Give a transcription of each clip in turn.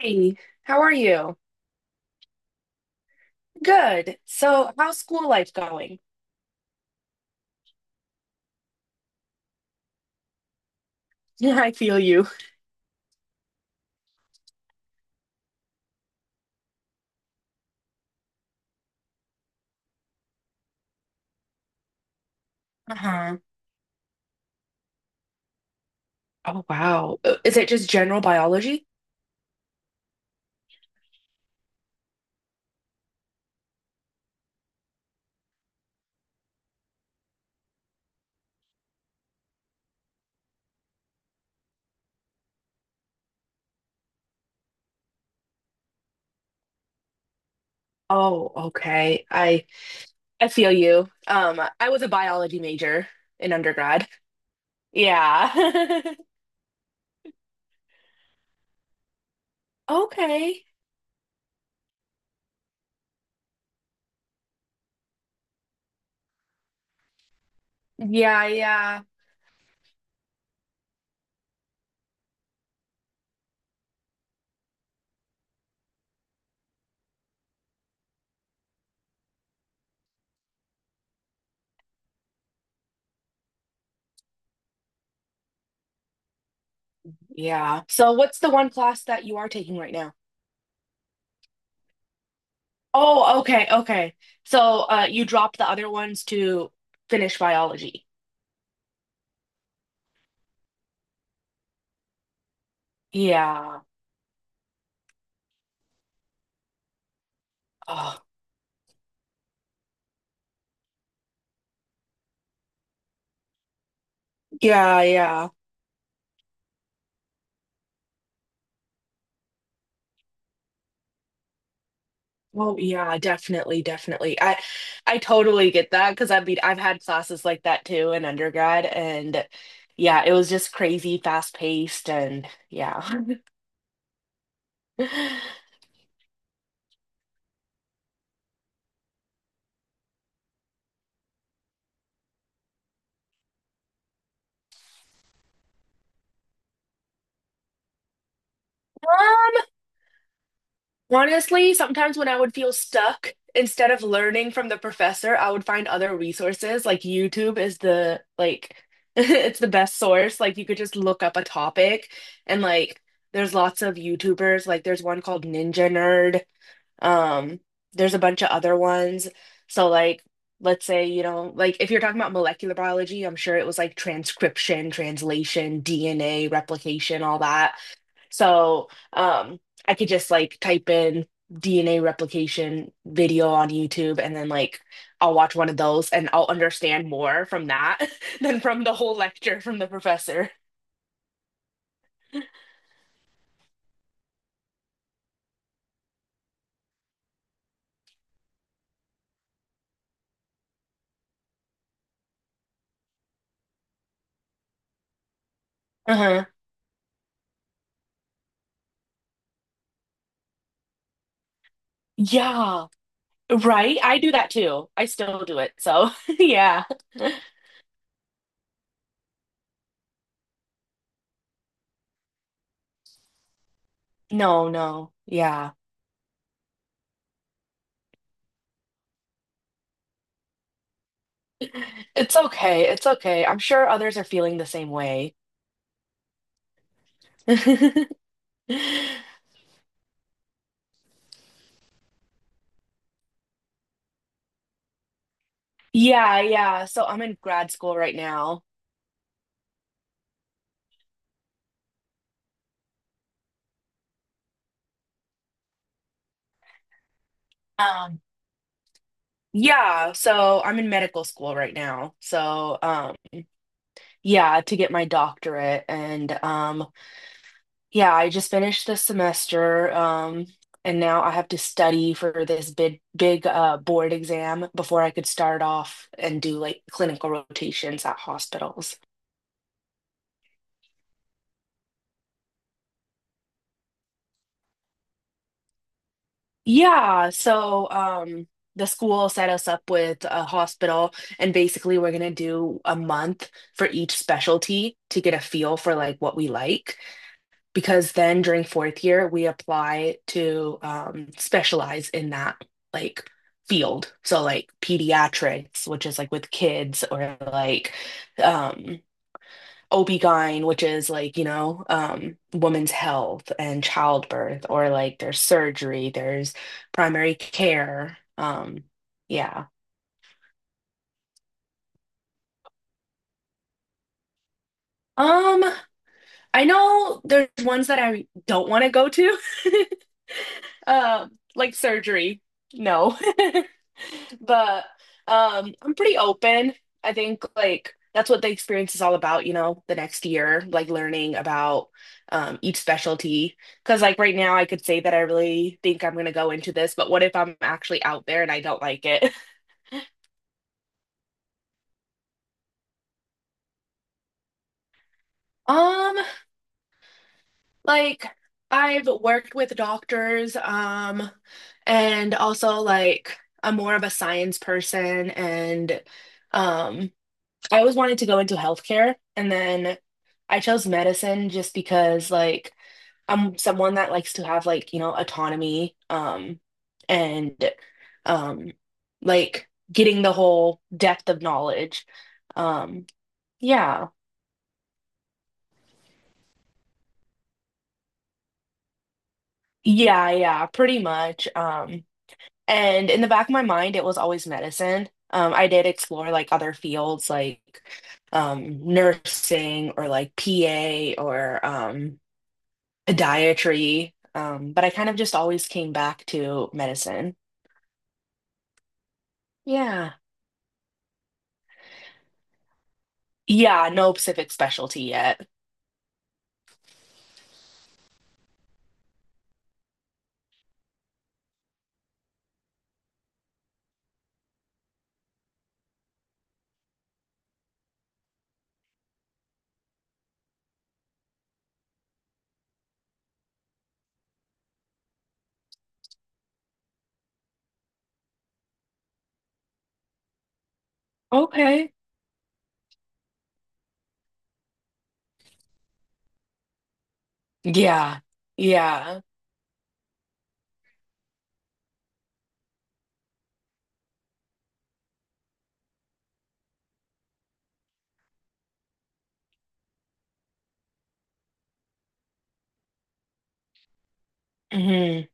Hey, how are you? Good. So, how's school life going? Yeah, I feel you. Uh-huh. Oh, wow. Is it just general biology? Oh, okay. I feel you. I was a biology major in undergrad. Yeah. Okay. Yeah, yeah. Yeah. So, what's the one class that you are taking right now? Oh, okay, okay. So, you dropped the other ones to finish biology. Yeah. Oh, yeah, yeah. Oh yeah, definitely, definitely. I totally get that because I mean I've had classes like that too in undergrad and yeah, it was just crazy fast paced and yeah. Um, Honestly, sometimes when I would feel stuck, instead of learning from the professor, I would find other resources. Like YouTube is the like it's the best source. Like you could just look up a topic and like there's lots of YouTubers. Like there's one called Ninja Nerd. Um, there's a bunch of other ones. So like let's say, you know, like if you're talking about molecular biology, I'm sure it was like transcription, translation, DNA, replication, all that. So I could just like type in DNA replication video on YouTube and then like I'll watch one of those and I'll understand more from that than from the whole lecture from the professor. Uh-huh. Yeah, right. I do that too. I still do it. So, yeah. No, no. Yeah. It's okay. It's okay. I'm sure others are feeling the same way. Yeah, yeah. So I'm in grad school right now. Um, yeah, so I'm in medical school right now. So, yeah, to get my doctorate and yeah, I just finished this semester and now I have to study for this big big board exam before I could start off and do like clinical rotations at hospitals. Yeah, so the school set us up with a hospital and basically we're going to do a month for each specialty to get a feel for like what we like because then during fourth year we apply to specialize in that like field. So like pediatrics, which is like with kids or like um Obgyn, which is like, you know, women's health and childbirth, or like there's surgery, there's primary care. Yeah. Um, I know there's ones that I don't want to go to. Like surgery. No. But I'm pretty open. I think like that's what the experience is all about, you know, the next year, like learning about each specialty. Because like right now, I could say that I really think I'm gonna go into this, but what if I'm actually out there and I don't like it? Um, like I've worked with doctors, and also like I'm more of a science person and. Um, I always wanted to go into healthcare, and then I chose medicine just because, like, I'm someone that likes to have, like, you know, autonomy, and, um, like getting the whole depth of knowledge. Um, yeah, yeah, yeah, pretty much. And in the back of my mind, it was always medicine. I did explore like other fields, like, nursing or like PA or, dietary, but I kind of just always came back to medicine. Yeah. Yeah, no specific specialty yet. Okay. Yeah. Yeah. Hmm.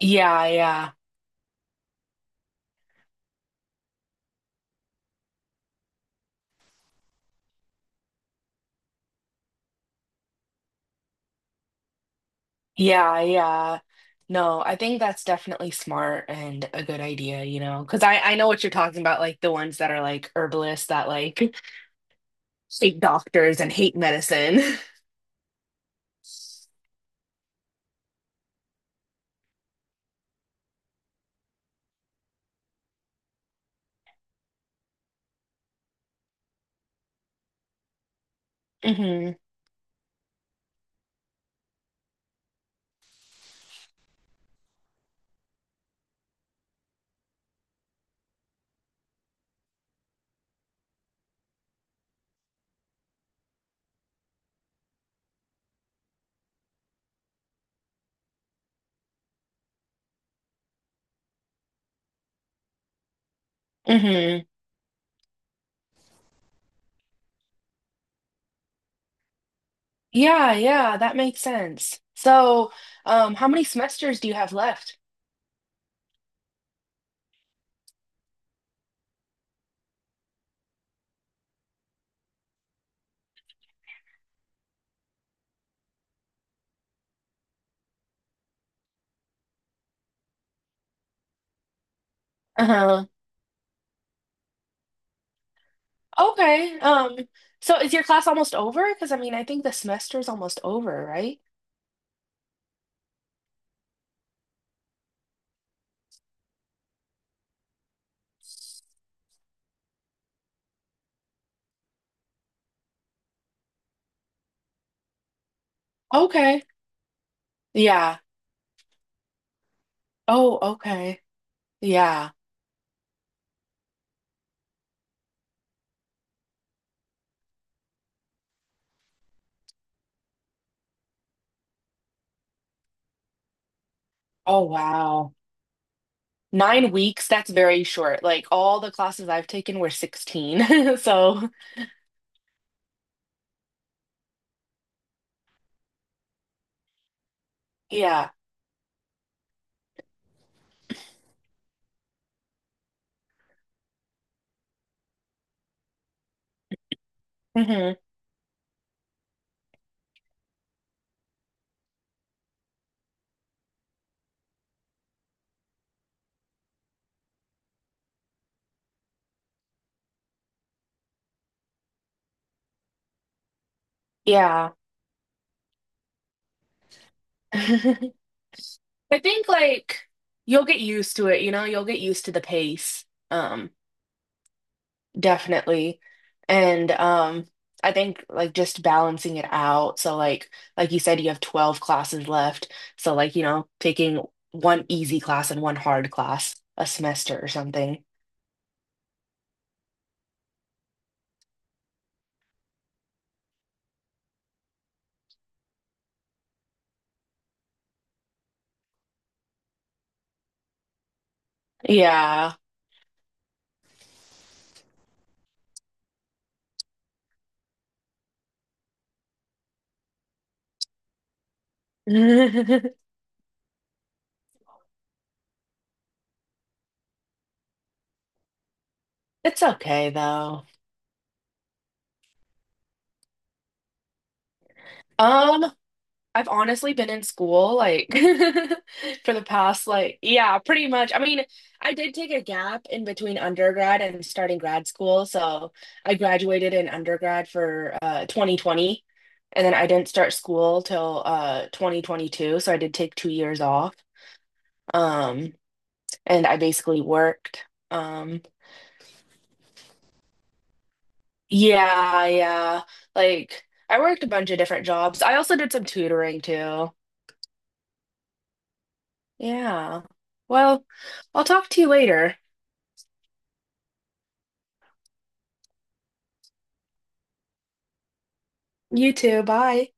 Yeah, yeah. Yeah, yeah. No, I think that's definitely smart and a good idea, you know, because I know what you're talking about, like the ones that are like herbalists that like hate doctors and hate medicine. Hmm. Hmm. Yeah, yeah, that makes sense. So, how many semesters do you have left? Uh-huh. Okay. So is your class almost over? Because I mean, I think the semester is almost over, right? Okay. Yeah. Oh, okay. Yeah. Oh, wow. 9 weeks, that's very short. Like all the classes I've taken were 16. So, yeah. Hmm. Yeah. I think like you'll get used to it, you know, you'll get used to the pace. Um, Definitely. And I think like just balancing it out. So like you said you have 12 classes left. So like, you know, taking one easy class and one hard class a semester or something. Yeah. It's okay though. Um I've honestly been in school like for the past like yeah, pretty much. I mean, I did take a gap in between undergrad and starting grad school, so I graduated in undergrad for 2020 and then I didn't start school till 2022, so I did take 2 years off. Um and I basically worked um yeah, yeah. Like I worked a bunch of different jobs. I also did some tutoring too. Yeah. Well, I'll talk to you later. You too. Bye.